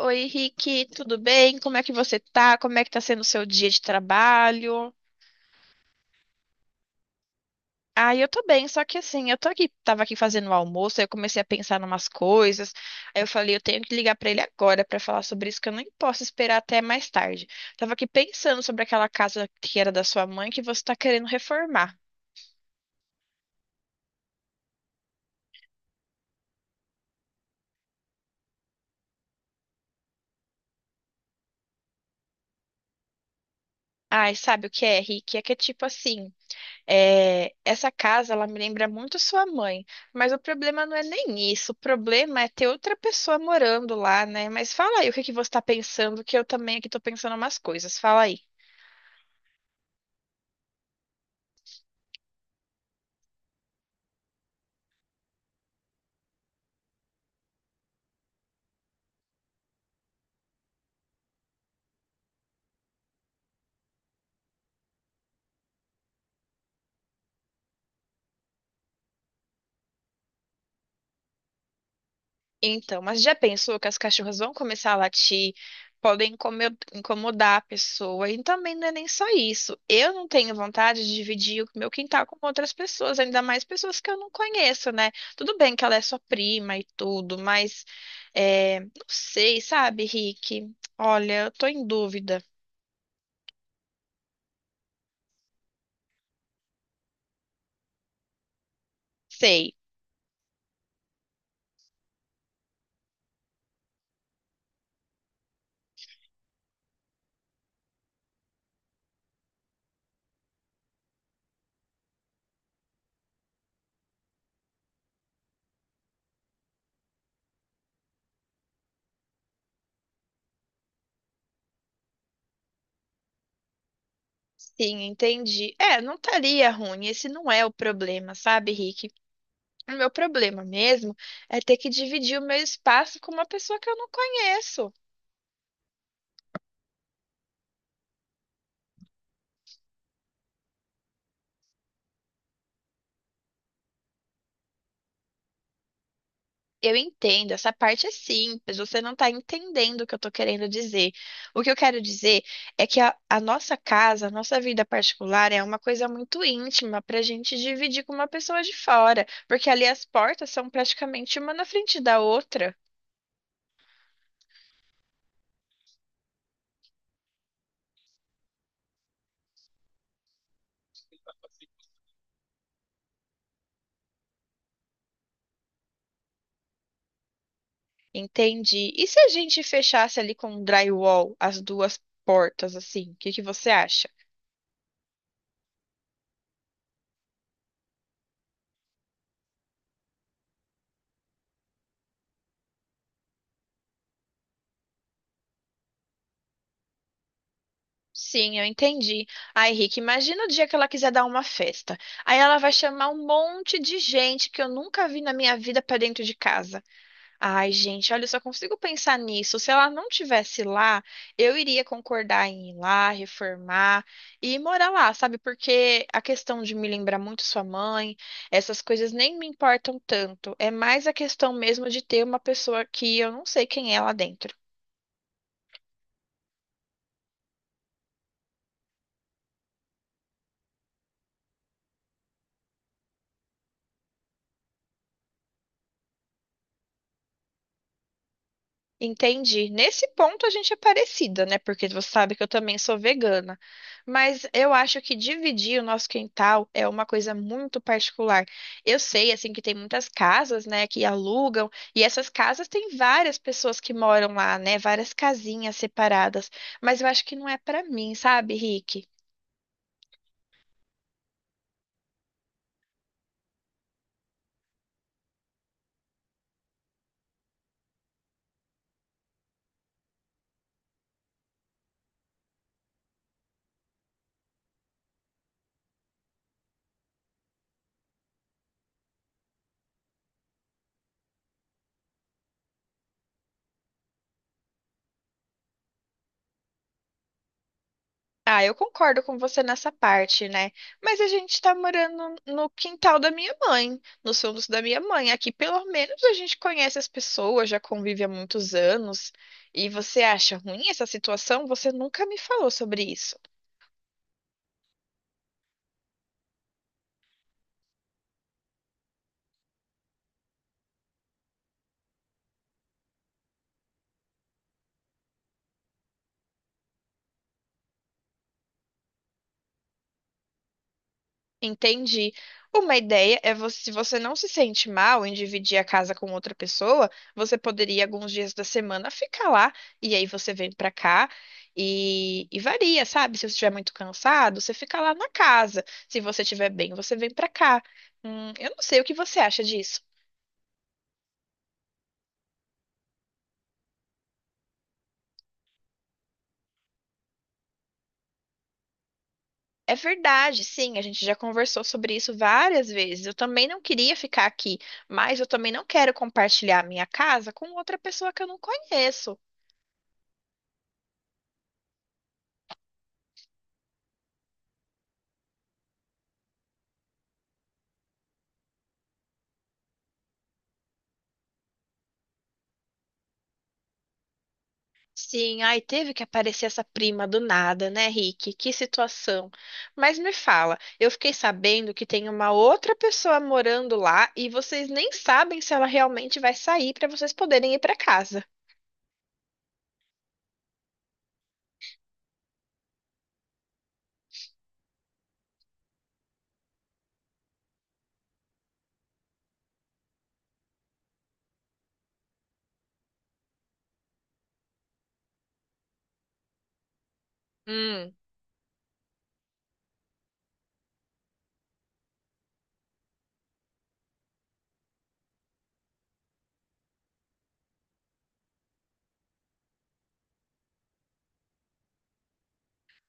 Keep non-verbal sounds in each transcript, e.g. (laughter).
Oi, Henrique, tudo bem? Como é que você tá? Como é que tá sendo o seu dia de trabalho? Ah, eu tô bem, só que assim, eu tô aqui, tava aqui fazendo o almoço, aí eu comecei a pensar em umas coisas. Aí eu falei, eu tenho que ligar pra ele agora pra falar sobre isso, que eu nem posso esperar até mais tarde. Tava aqui pensando sobre aquela casa que era da sua mãe que você tá querendo reformar. Ai, sabe o que é, Henrique? É que é tipo assim, é, essa casa, ela me lembra muito sua mãe, mas o problema não é nem isso, o problema é ter outra pessoa morando lá, né? Mas fala aí o que que você tá pensando, que eu também aqui tô pensando umas coisas, fala aí. Então, mas já pensou que as cachorras vão começar a latir, podem incomodar a pessoa, e também não é nem só isso. Eu não tenho vontade de dividir o meu quintal com outras pessoas, ainda mais pessoas que eu não conheço, né? Tudo bem que ela é sua prima e tudo, mas é, não sei, sabe, Rick? Olha, eu tô em dúvida. Sei. Sim, entendi. É, não estaria ruim. Esse não é o problema, sabe, Rick? O meu problema mesmo é ter que dividir o meu espaço com uma pessoa que eu não conheço. Eu entendo, essa parte é simples, você não está entendendo o que eu estou querendo dizer. O que eu quero dizer é que a nossa casa, a nossa vida particular é uma coisa muito íntima para a gente dividir com uma pessoa de fora, porque ali as portas são praticamente uma na frente da outra, entende? E se a gente fechasse ali com um drywall as duas portas, assim, o que que você acha? Sim, eu entendi. Ai, Rick, imagina o dia que ela quiser dar uma festa. Aí ela vai chamar um monte de gente que eu nunca vi na minha vida pra dentro de casa. Ai, gente, olha, eu só consigo pensar nisso. Se ela não tivesse lá, eu iria concordar em ir lá, reformar e morar lá, sabe? Porque a questão de me lembrar muito sua mãe, essas coisas nem me importam tanto. É mais a questão mesmo de ter uma pessoa que eu não sei quem é lá dentro. Entendi. Nesse ponto a gente é parecida, né? Porque você sabe que eu também sou vegana. Mas eu acho que dividir o nosso quintal é uma coisa muito particular. Eu sei, assim, que tem muitas casas, né, que alugam, e essas casas têm várias pessoas que moram lá, né? Várias casinhas separadas. Mas eu acho que não é pra mim, sabe, Rick? Ah, eu concordo com você nessa parte, né? Mas a gente tá morando no quintal da minha mãe, nos fundos da minha mãe. Aqui, pelo menos, a gente conhece as pessoas, já convive há muitos anos. E você acha ruim essa situação? Você nunca me falou sobre isso. Entendi. Uma ideia é você, se você não se sente mal em dividir a casa com outra pessoa, você poderia alguns dias da semana ficar lá e aí você vem pra cá e varia, sabe? Se você estiver muito cansado, você fica lá na casa. Se você estiver bem, você vem pra cá. Eu não sei o que você acha disso. É verdade, sim, a gente já conversou sobre isso várias vezes. Eu também não queria ficar aqui, mas eu também não quero compartilhar a minha casa com outra pessoa que eu não conheço. Sim, ai, teve que aparecer essa prima do nada, né, Rick? Que situação. Mas me fala, eu fiquei sabendo que tem uma outra pessoa morando lá e vocês nem sabem se ela realmente vai sair para vocês poderem ir para casa.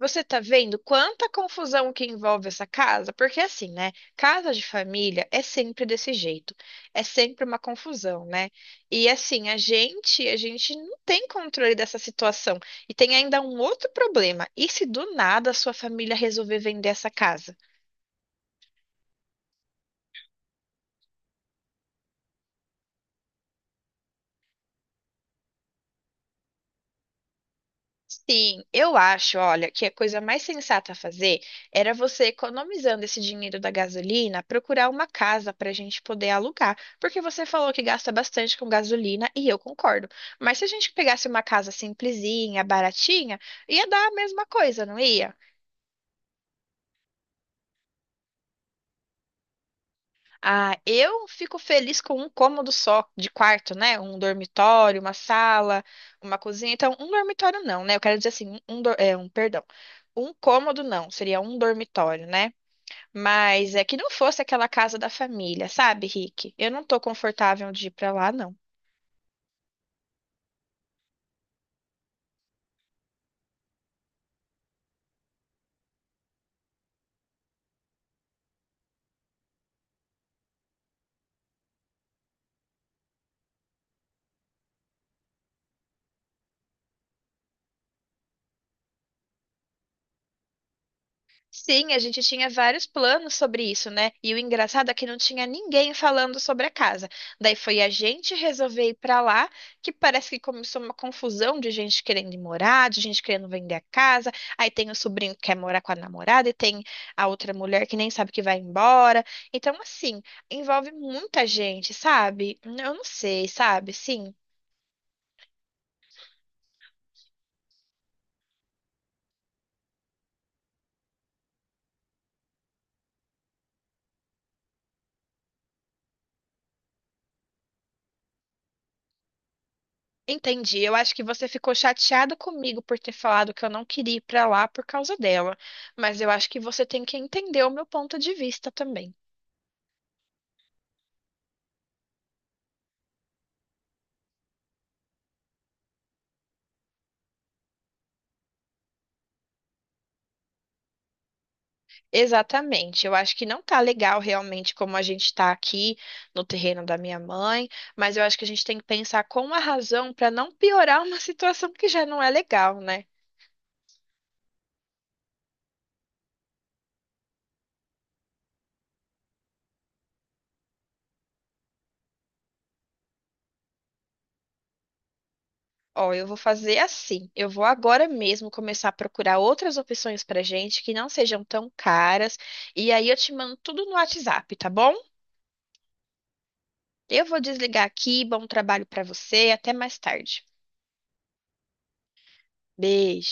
Você tá vendo quanta confusão que envolve essa casa? Porque assim, né? Casa de família é sempre desse jeito. É sempre uma confusão, né? E assim, a gente não tem controle dessa situação. E tem ainda um outro problema. E se do nada a sua família resolver vender essa casa? Sim, eu acho, olha, que a coisa mais sensata a fazer era você, economizando esse dinheiro da gasolina, procurar uma casa para a gente poder alugar. Porque você falou que gasta bastante com gasolina e eu concordo. Mas se a gente pegasse uma casa simplesinha, baratinha, ia dar a mesma coisa, não ia? Ah, eu fico feliz com um cômodo só de quarto, né? Um dormitório, uma sala, uma cozinha. Então, um dormitório não, né? Eu quero dizer assim, é, um perdão. Um cômodo não, seria um dormitório, né? Mas é que não fosse aquela casa da família, sabe, Rick? Eu não tô confortável de ir pra lá, não. Sim, a gente tinha vários planos sobre isso, né? E o engraçado é que não tinha ninguém falando sobre a casa. Daí foi a gente resolver ir pra lá, que parece que começou uma confusão de gente querendo ir morar, de gente querendo vender a casa. Aí tem o sobrinho que quer morar com a namorada e tem a outra mulher que nem sabe que vai embora. Então, assim, envolve muita gente, sabe? Eu não sei, sabe? Sim. Entendi. Eu acho que você ficou chateada comigo por ter falado que eu não queria ir pra lá por causa dela, mas eu acho que você tem que entender o meu ponto de vista também. Exatamente. Eu acho que não tá legal realmente como a gente tá aqui no terreno da minha mãe, mas eu acho que a gente tem que pensar com a razão pra não piorar (laughs) uma situação que já não é legal, né? Ó, eu vou fazer assim. Eu vou agora mesmo começar a procurar outras opções pra gente que não sejam tão caras, e aí eu te mando tudo no WhatsApp, tá bom? Eu vou desligar aqui. Bom trabalho para você. Até mais tarde. Beijo.